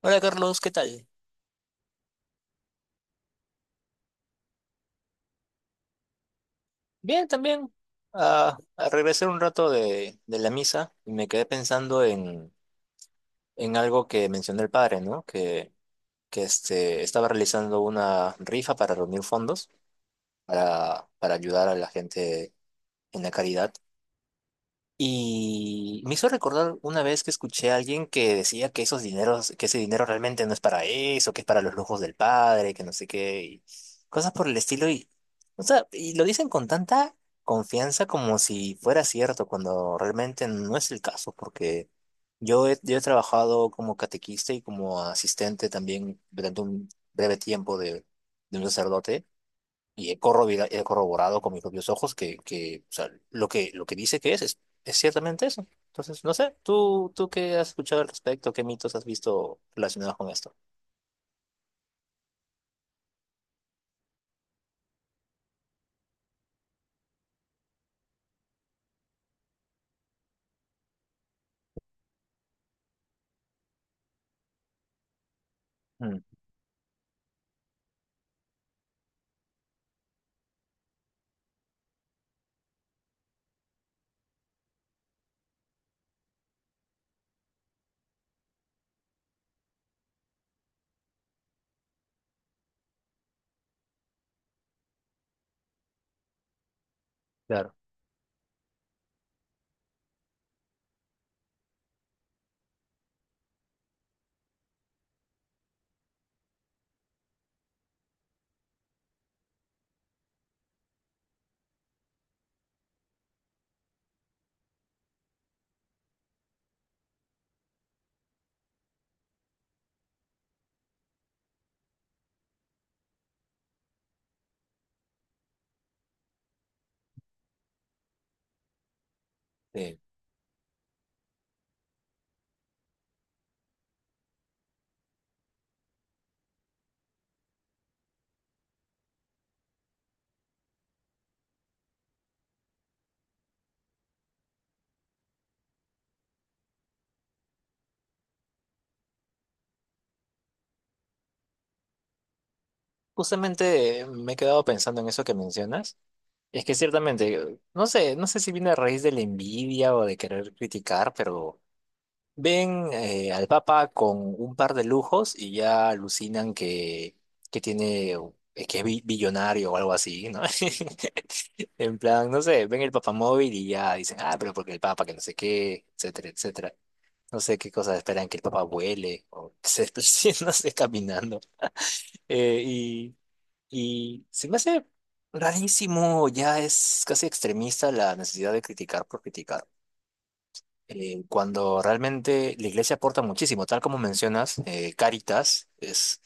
Hola Carlos, ¿qué tal? Bien, también. Regresé un rato de la misa y me quedé pensando en algo que mencionó el padre, ¿no? Que este, estaba realizando una rifa para reunir fondos para ayudar a la gente en la caridad. Y me hizo recordar una vez que escuché a alguien que decía que esos dineros, que ese dinero realmente no es para eso, que es para los lujos del padre, que no sé qué, y cosas por el estilo. Y, o sea, y lo dicen con tanta confianza como si fuera cierto, cuando realmente no es el caso, porque yo he trabajado como catequista y como asistente también durante un breve tiempo de un sacerdote y he corroborado con mis propios ojos o sea, lo que dice que es ciertamente eso. Entonces, no sé, tú qué has escuchado al respecto? ¿Qué mitos has visto relacionados con esto? Mm, claro. Sí. Justamente me he quedado pensando en eso que mencionas. Es que ciertamente, no sé, no sé si viene a raíz de la envidia o de querer criticar, pero ven al Papa con un par de lujos y ya alucinan que tiene, que es billonario o algo así, ¿no? En plan, no sé, ven el Papa móvil y ya dicen, ah, pero porque el Papa, que no sé qué, etcétera, etcétera. No sé qué cosas esperan que el Papa vuele o que se desplace, no sé, caminando. Eh, y, y se me hace rarísimo, ya es casi extremista la necesidad de criticar por criticar, cuando realmente la iglesia aporta muchísimo, tal como mencionas. Caritas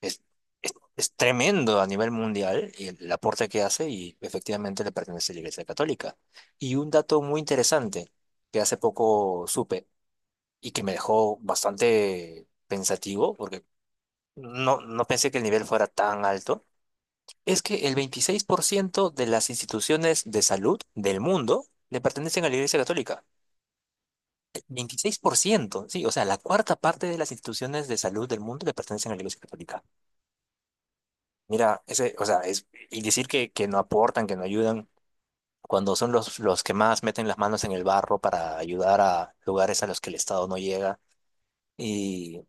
es, es tremendo a nivel mundial el aporte que hace y efectivamente le pertenece a la Iglesia Católica. Y un dato muy interesante que hace poco supe y que me dejó bastante pensativo, porque no pensé que el nivel fuera tan alto, es que el 26% de las instituciones de salud del mundo le pertenecen a la Iglesia Católica. 26%, sí, o sea, la cuarta parte de las instituciones de salud del mundo le pertenecen a la Iglesia Católica. Mira, ese, o sea, es, y decir que no aportan, que no ayudan, cuando son los que más meten las manos en el barro para ayudar a lugares a los que el Estado no llega. Y,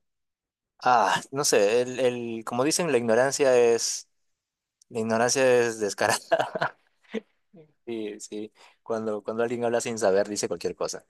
ah, no sé, como dicen, la ignorancia es descarada. Sí, sí, cuando alguien habla sin saber, dice cualquier cosa.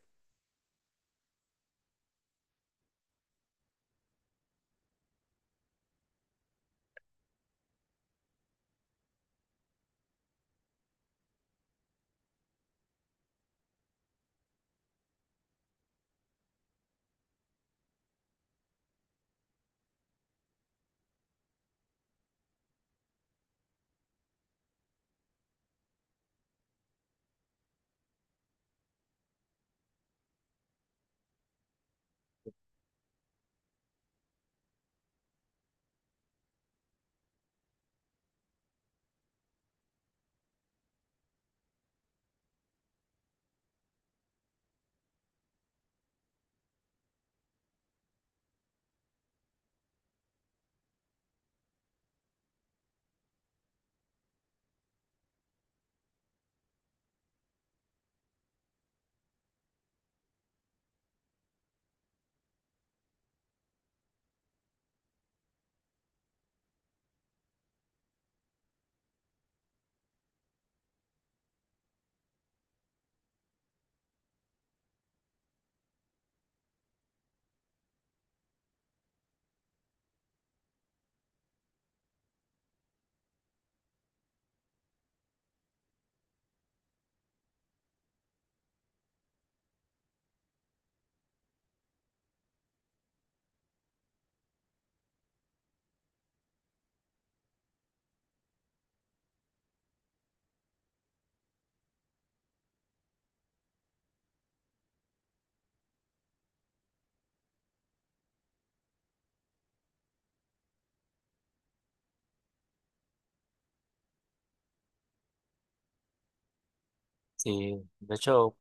Sí, de hecho,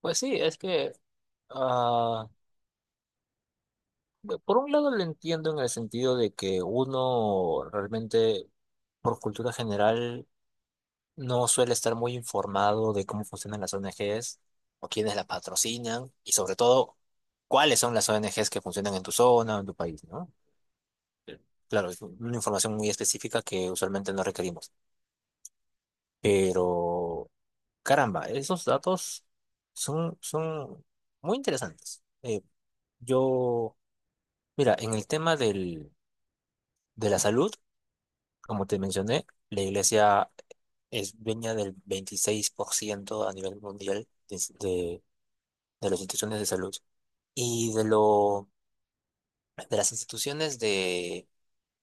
pues sí, es que... Bueno, por un lado lo entiendo en el sentido de que uno realmente, por cultura general, no suele estar muy informado de cómo funcionan las ONGs o quiénes las patrocinan y sobre todo cuáles son las ONGs que funcionan en tu zona o en tu país, ¿no? Claro, es una información muy específica que usualmente no requerimos. Pero, caramba, esos datos son muy interesantes. Yo, mira, en el tema de la salud. Como te mencioné, la iglesia es dueña del 26% a nivel mundial de las instituciones de salud. Y de las instituciones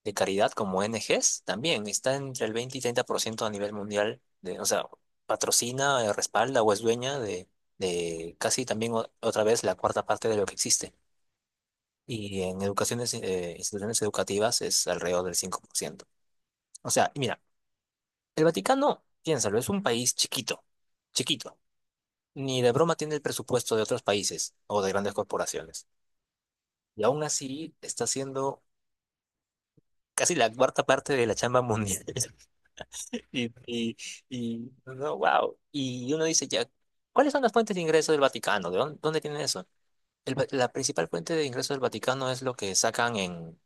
de caridad como ONGs también está entre el 20 y 30% a nivel mundial. De, o sea, patrocina, respalda o es dueña de casi también otra vez la cuarta parte de lo que existe. Y en educaciones, instituciones educativas, es alrededor del 5%. O sea, mira, el Vaticano, piénsalo, es un país chiquito, chiquito. Ni de broma tiene el presupuesto de otros países o de grandes corporaciones. Y aún así está haciendo casi la cuarta parte de la chamba mundial. Y, y, no, wow. Y uno dice ya, ¿cuáles son las fuentes de ingreso del Vaticano? ¿De dónde tienen eso? La principal fuente de ingreso del Vaticano es lo que sacan en,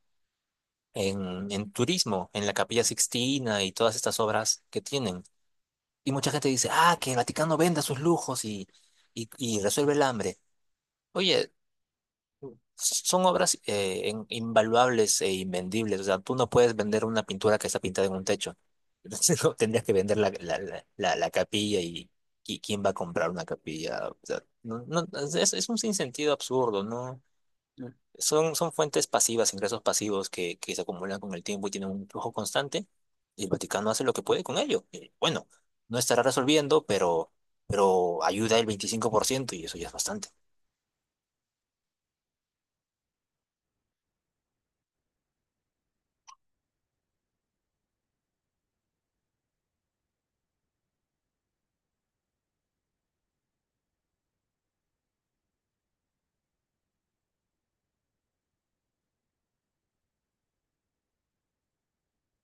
en, en turismo, en la Capilla Sixtina y todas estas obras que tienen. Y mucha gente dice, ah, que el Vaticano venda sus lujos y resuelve el hambre. Oye, son obras, invaluables e invendibles. O sea, tú no puedes vender una pintura que está pintada en un techo. Entonces, no, tendrías que vender la capilla y, ¿quién va a comprar una capilla? O sea, no, es un sinsentido absurdo, ¿no? Son fuentes pasivas, ingresos pasivos que se acumulan con el tiempo y tienen un flujo constante, y el Vaticano hace lo que puede con ello. Y, bueno, no estará resolviendo, pero ayuda el 25% y eso ya es bastante.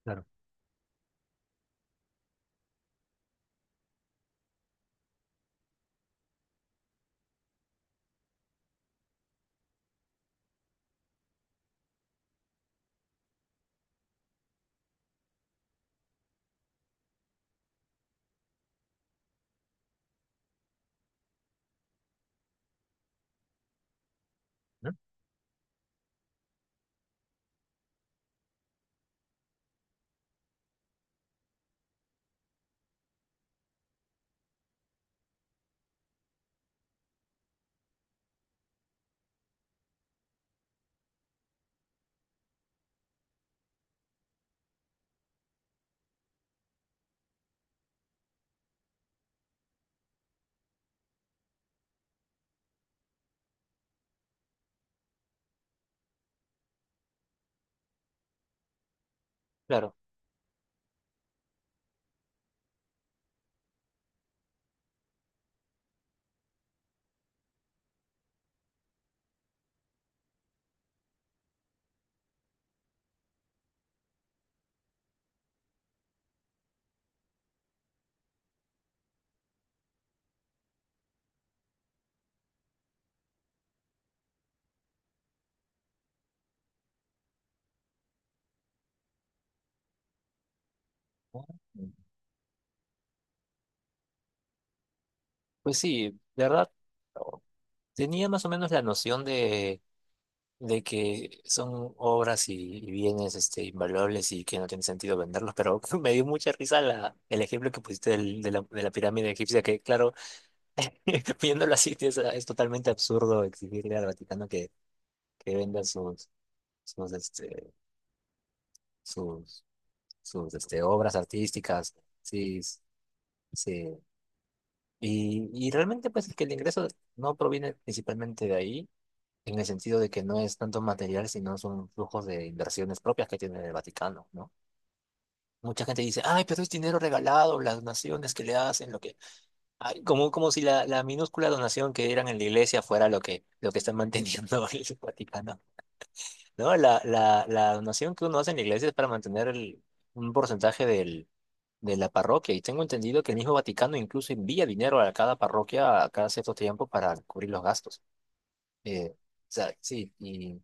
Claro. ¿No? Claro. Pues sí, de verdad, oh, tenía más o menos la noción de que son obras y bienes este, invaluables y que no tiene sentido venderlos, pero me dio mucha risa el ejemplo que pusiste de la pirámide egipcia, que claro, viéndolo así, sí, es totalmente absurdo exigirle al Vaticano que venda sus, este, sus, sus este, obras artísticas. Sí, sí. Y realmente, pues, es que el ingreso no proviene principalmente de ahí, en el sentido de que no es tanto material, sino son flujos de inversiones propias que tiene el Vaticano, ¿no? Mucha gente dice, ay, pero es dinero regalado, las donaciones que le hacen, lo que... Ay, como, como si la minúscula donación que eran en la iglesia fuera lo que está manteniendo el Vaticano. No, la donación que uno hace en la iglesia es para mantener un porcentaje de la parroquia. Y tengo entendido que el mismo Vaticano incluso envía dinero a cada parroquia a cada cierto tiempo para cubrir los gastos. Eh, o sí,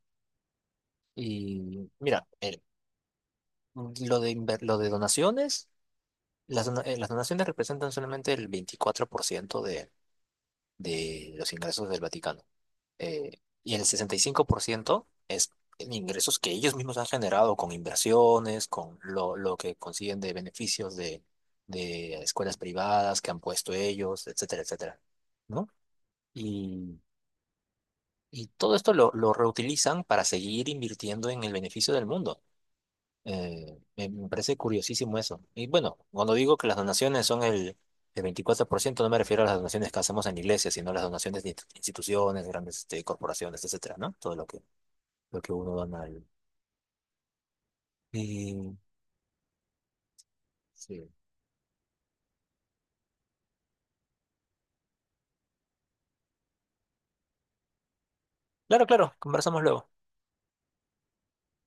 y mira, el- lo de, inver- lo de donaciones, las, dona- las donaciones representan solamente el 24% de los ingresos del Vaticano. Y el 65% es en ingresos que ellos mismos han generado con inversiones, con lo que consiguen de beneficios de escuelas privadas que han puesto ellos, etcétera, etcétera, ¿no? Y, y todo esto lo reutilizan para seguir invirtiendo en el beneficio del mundo. Me parece curiosísimo eso. Y bueno, cuando digo que las donaciones son el 24%, no me refiero a las donaciones que hacemos en iglesias, sino a las donaciones de instituciones, grandes este, corporaciones, etcétera, ¿no? Todo lo que uno da a nadie. Y, sí. Claro, claro, conversamos luego.